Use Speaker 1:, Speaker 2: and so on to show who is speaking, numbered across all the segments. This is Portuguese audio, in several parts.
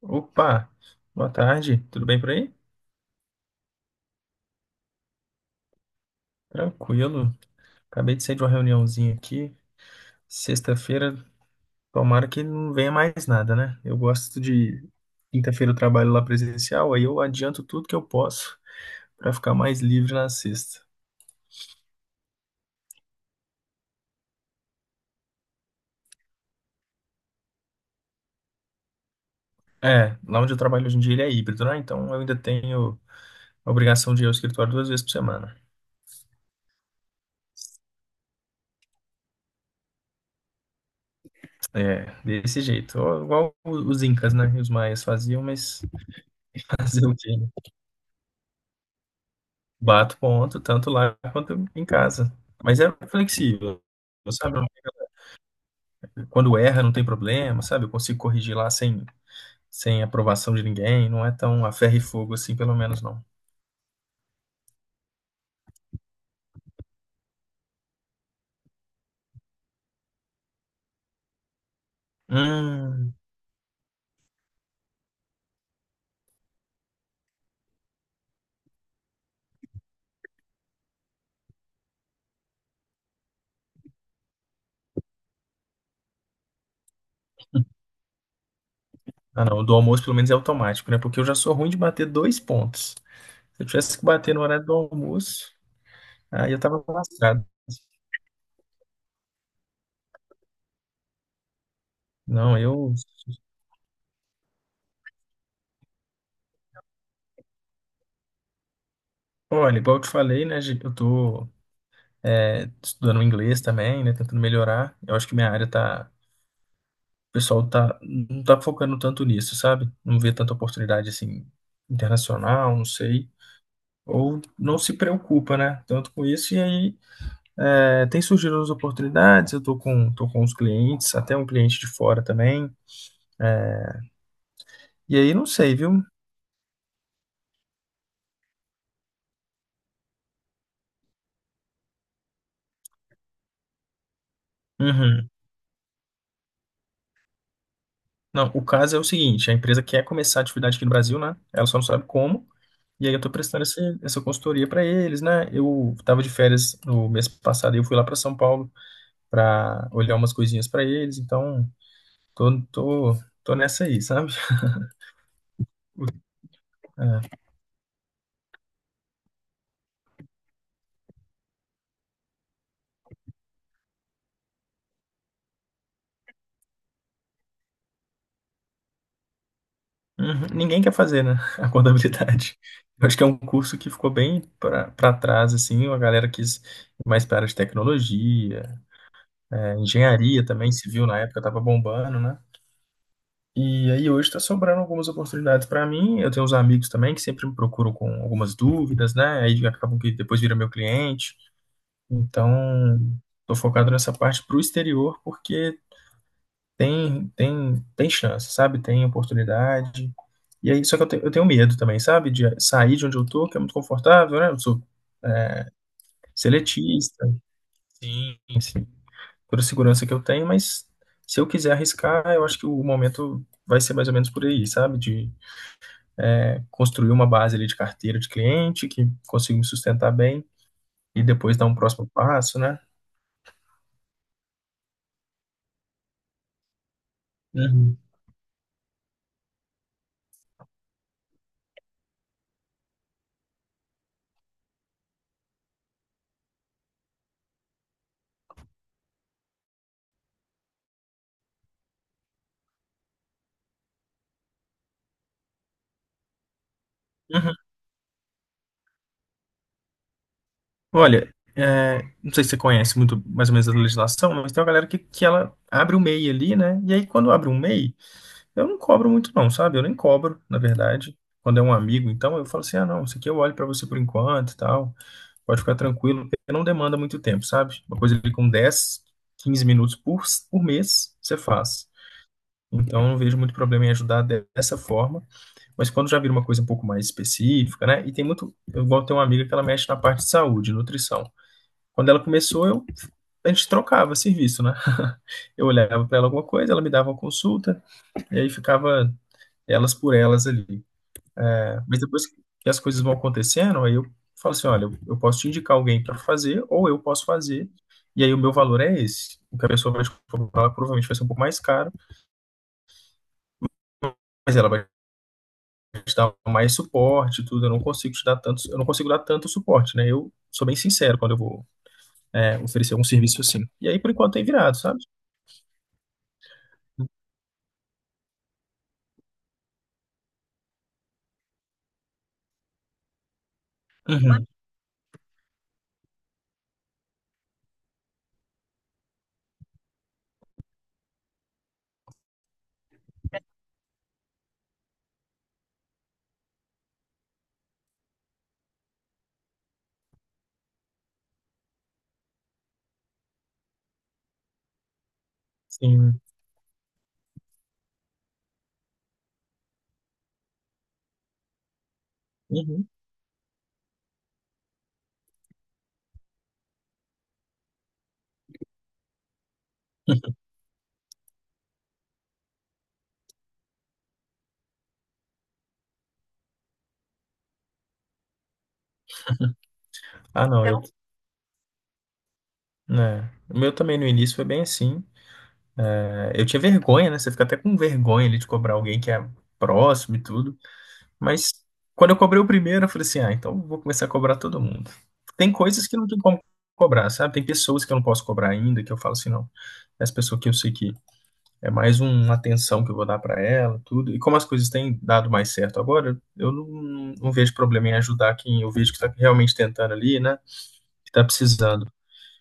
Speaker 1: Opa, boa tarde, tudo bem por aí? Tranquilo, acabei de sair de uma reuniãozinha aqui. Sexta-feira, tomara que não venha mais nada, né? Eu gosto de quinta-feira, eu trabalho lá presencial, aí eu adianto tudo que eu posso pra ficar mais livre na sexta. É, lá onde eu trabalho hoje em dia ele é híbrido, né? Então eu ainda tenho a obrigação de ir ao escritório duas vezes por semana. É, desse jeito, ó, igual os incas, né? Os maias faziam, mas fazer o quê? Né? Bato ponto, tanto lá quanto em casa. Mas é flexível, sabe? Quando erra, não tem problema, sabe? Eu consigo corrigir lá sem aprovação de ninguém. Não é tão a ferro e fogo assim, pelo menos não. Hum. Ah, não. O do almoço, pelo menos, é automático, né? Porque eu já sou ruim de bater dois pontos. Se eu tivesse que bater no horário do almoço, aí eu tava lascado. Não, eu. Olha, igual eu te falei, né? Estudando inglês também, né? Tentando melhorar. Eu acho que minha área tá o pessoal não tá focando tanto nisso, sabe? Não vê tanta oportunidade assim internacional, não sei. Ou não se preocupa, né? Tanto com isso. E aí é, tem surgido as oportunidades. Tô com os clientes, até um cliente de fora também. E aí não sei, viu? Uhum. Não, o caso é o seguinte: a empresa quer começar a atividade aqui no Brasil, né? Ela só não sabe como. E aí eu tô prestando essa consultoria para eles, né? Eu tava de férias no mês passado e eu fui lá para São Paulo para olhar umas coisinhas para eles. Então, Tô, tô, tô nessa aí, sabe? É. Uhum. Ninguém quer fazer, né? A contabilidade. Eu acho que é um curso que ficou bem para trás, assim. A galera quis ir mais para a área de tecnologia, é, engenharia também, civil na época estava bombando, né? E aí hoje está sobrando algumas oportunidades para mim. Eu tenho uns amigos também que sempre me procuram com algumas dúvidas, né? Aí acabam que depois vira meu cliente. Então, estou focado nessa parte para o exterior, porque tem chance, sabe? Tem oportunidade. E aí, só que eu tenho medo também, sabe? De sair de onde eu tô, que é muito confortável, né? Eu sou seletista, sim, sim. Toda a segurança que eu tenho, mas se eu quiser arriscar, eu acho que o momento vai ser mais ou menos por aí, sabe? De é, construir uma base ali de carteira de cliente, que consiga me sustentar bem, e depois dar um próximo passo, né? Uhum. Uhum. Olha, é, não sei se você conhece muito mais ou menos a legislação, mas tem uma galera que ela abre o MEI ali, né? E aí quando abre um MEI, eu não cobro muito não, sabe? Eu nem cobro, na verdade. Quando é um amigo, então eu falo assim, ah, não, isso aqui eu olho pra você por enquanto e tal, pode ficar tranquilo, porque não demanda muito tempo, sabe? Uma coisa ali com 10, 15 minutos por mês, você faz. Então, eu não vejo muito problema em ajudar dessa forma, mas quando já vira uma coisa um pouco mais específica, né? E tem muito, eu igual tem uma amiga que ela mexe na parte de saúde, nutrição. Quando ela começou, eu, a gente trocava serviço, né? Eu olhava para ela alguma coisa, ela me dava uma consulta, e aí ficava elas por elas ali. Né? Mas depois que as coisas vão acontecendo, aí eu falo assim: olha, eu posso te indicar alguém para fazer, ou eu posso fazer, e aí o meu valor é esse. O que a pessoa vai te cobrar provavelmente vai ser um pouco mais caro, mas ela vai te dar mais suporte, tudo. Eu não consigo te dar tanto, eu não consigo dar tanto suporte, né? Eu sou bem sincero quando oferecer algum serviço assim. E aí, por enquanto, tem virado, sabe? Uhum. Sim. Uhum. Ah, não, eu, então, né? O meu também no início foi bem assim. É, eu tinha vergonha, né? Você fica até com vergonha ali de cobrar alguém que é próximo e tudo. Mas quando eu cobrei o primeiro, eu falei assim: ah, então eu vou começar a cobrar todo mundo. Tem coisas que não tem como cobrar, sabe? Tem pessoas que eu não posso cobrar ainda, que eu falo assim: não, essa pessoa que eu sei que é mais um, uma atenção que eu vou dar pra ela, tudo. E como as coisas têm dado mais certo agora, eu não, não vejo problema em ajudar quem eu vejo que tá realmente tentando ali, né? Que tá precisando.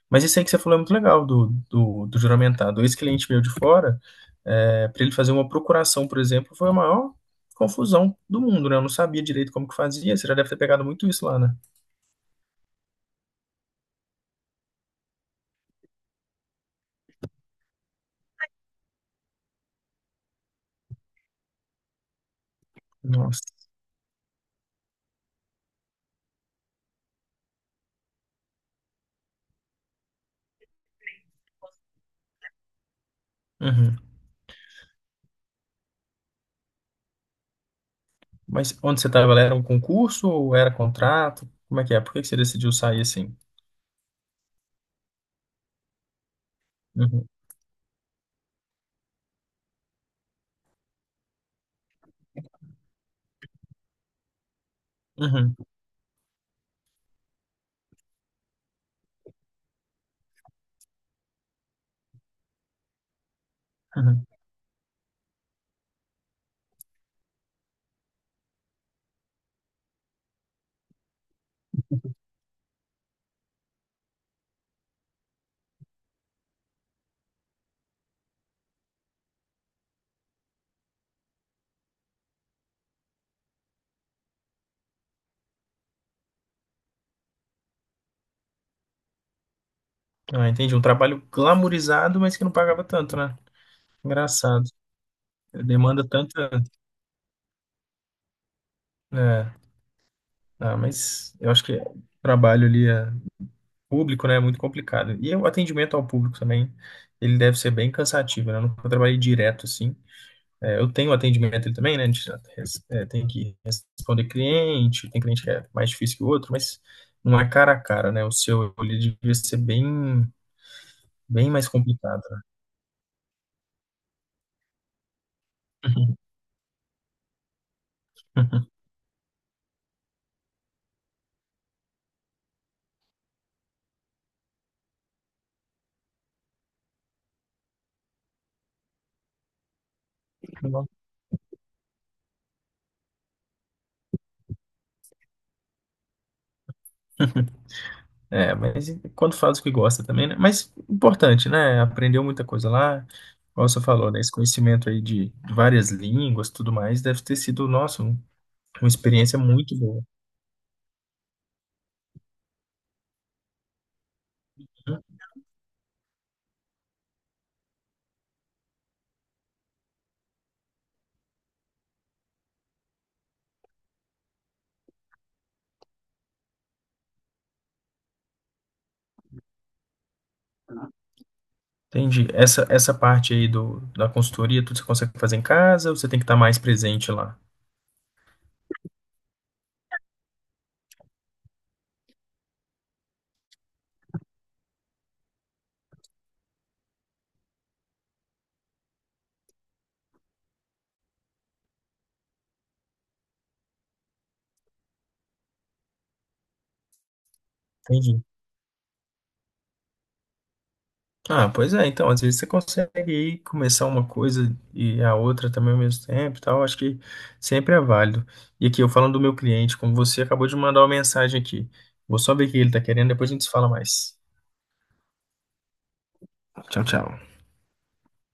Speaker 1: Mas isso aí que você falou é muito legal do juramentado. Esse cliente meu de fora, para ele fazer uma procuração, por exemplo, foi a maior confusão do mundo, né? Eu não sabia direito como que fazia. Você já deve ter pegado muito isso lá, né? Nossa. Uhum. Mas onde você estava, era um concurso ou era contrato? Como é que é? Por que que você decidiu sair assim? Uhum. Uhum. Uhum. Ah, entendi. Um trabalho glamourizado, mas que não pagava tanto, né? Engraçado. Demanda tanta. É. Ah, mas eu acho que o trabalho ali, é público, né, é muito complicado. E o atendimento ao público também, ele deve ser bem cansativo, né? Eu nunca trabalhei direto assim. É, eu tenho atendimento ele também, né? A gente tem que responder cliente, tem cliente que é mais difícil que o outro, mas não é cara a cara, né? O seu ele devia ser bem mais complicado, né? É, mas quando faz o que gosta também, né? Mas importante, né? Aprendeu muita coisa lá. Como você falou, né? Esse conhecimento aí de várias línguas, tudo mais, deve ter sido, nosso. Uma experiência muito boa. Hum. Entendi. Essa parte aí da consultoria, tudo você consegue fazer em casa ou você tem que estar mais presente lá? Entendi. Ah, pois é, então, às vezes você consegue aí começar uma coisa e a outra também ao mesmo tempo e tal, acho que sempre é válido. E aqui, eu falando do meu cliente, como você acabou de mandar uma mensagem aqui. Vou só ver o que ele tá querendo, depois a gente se fala mais. Tchau, tchau.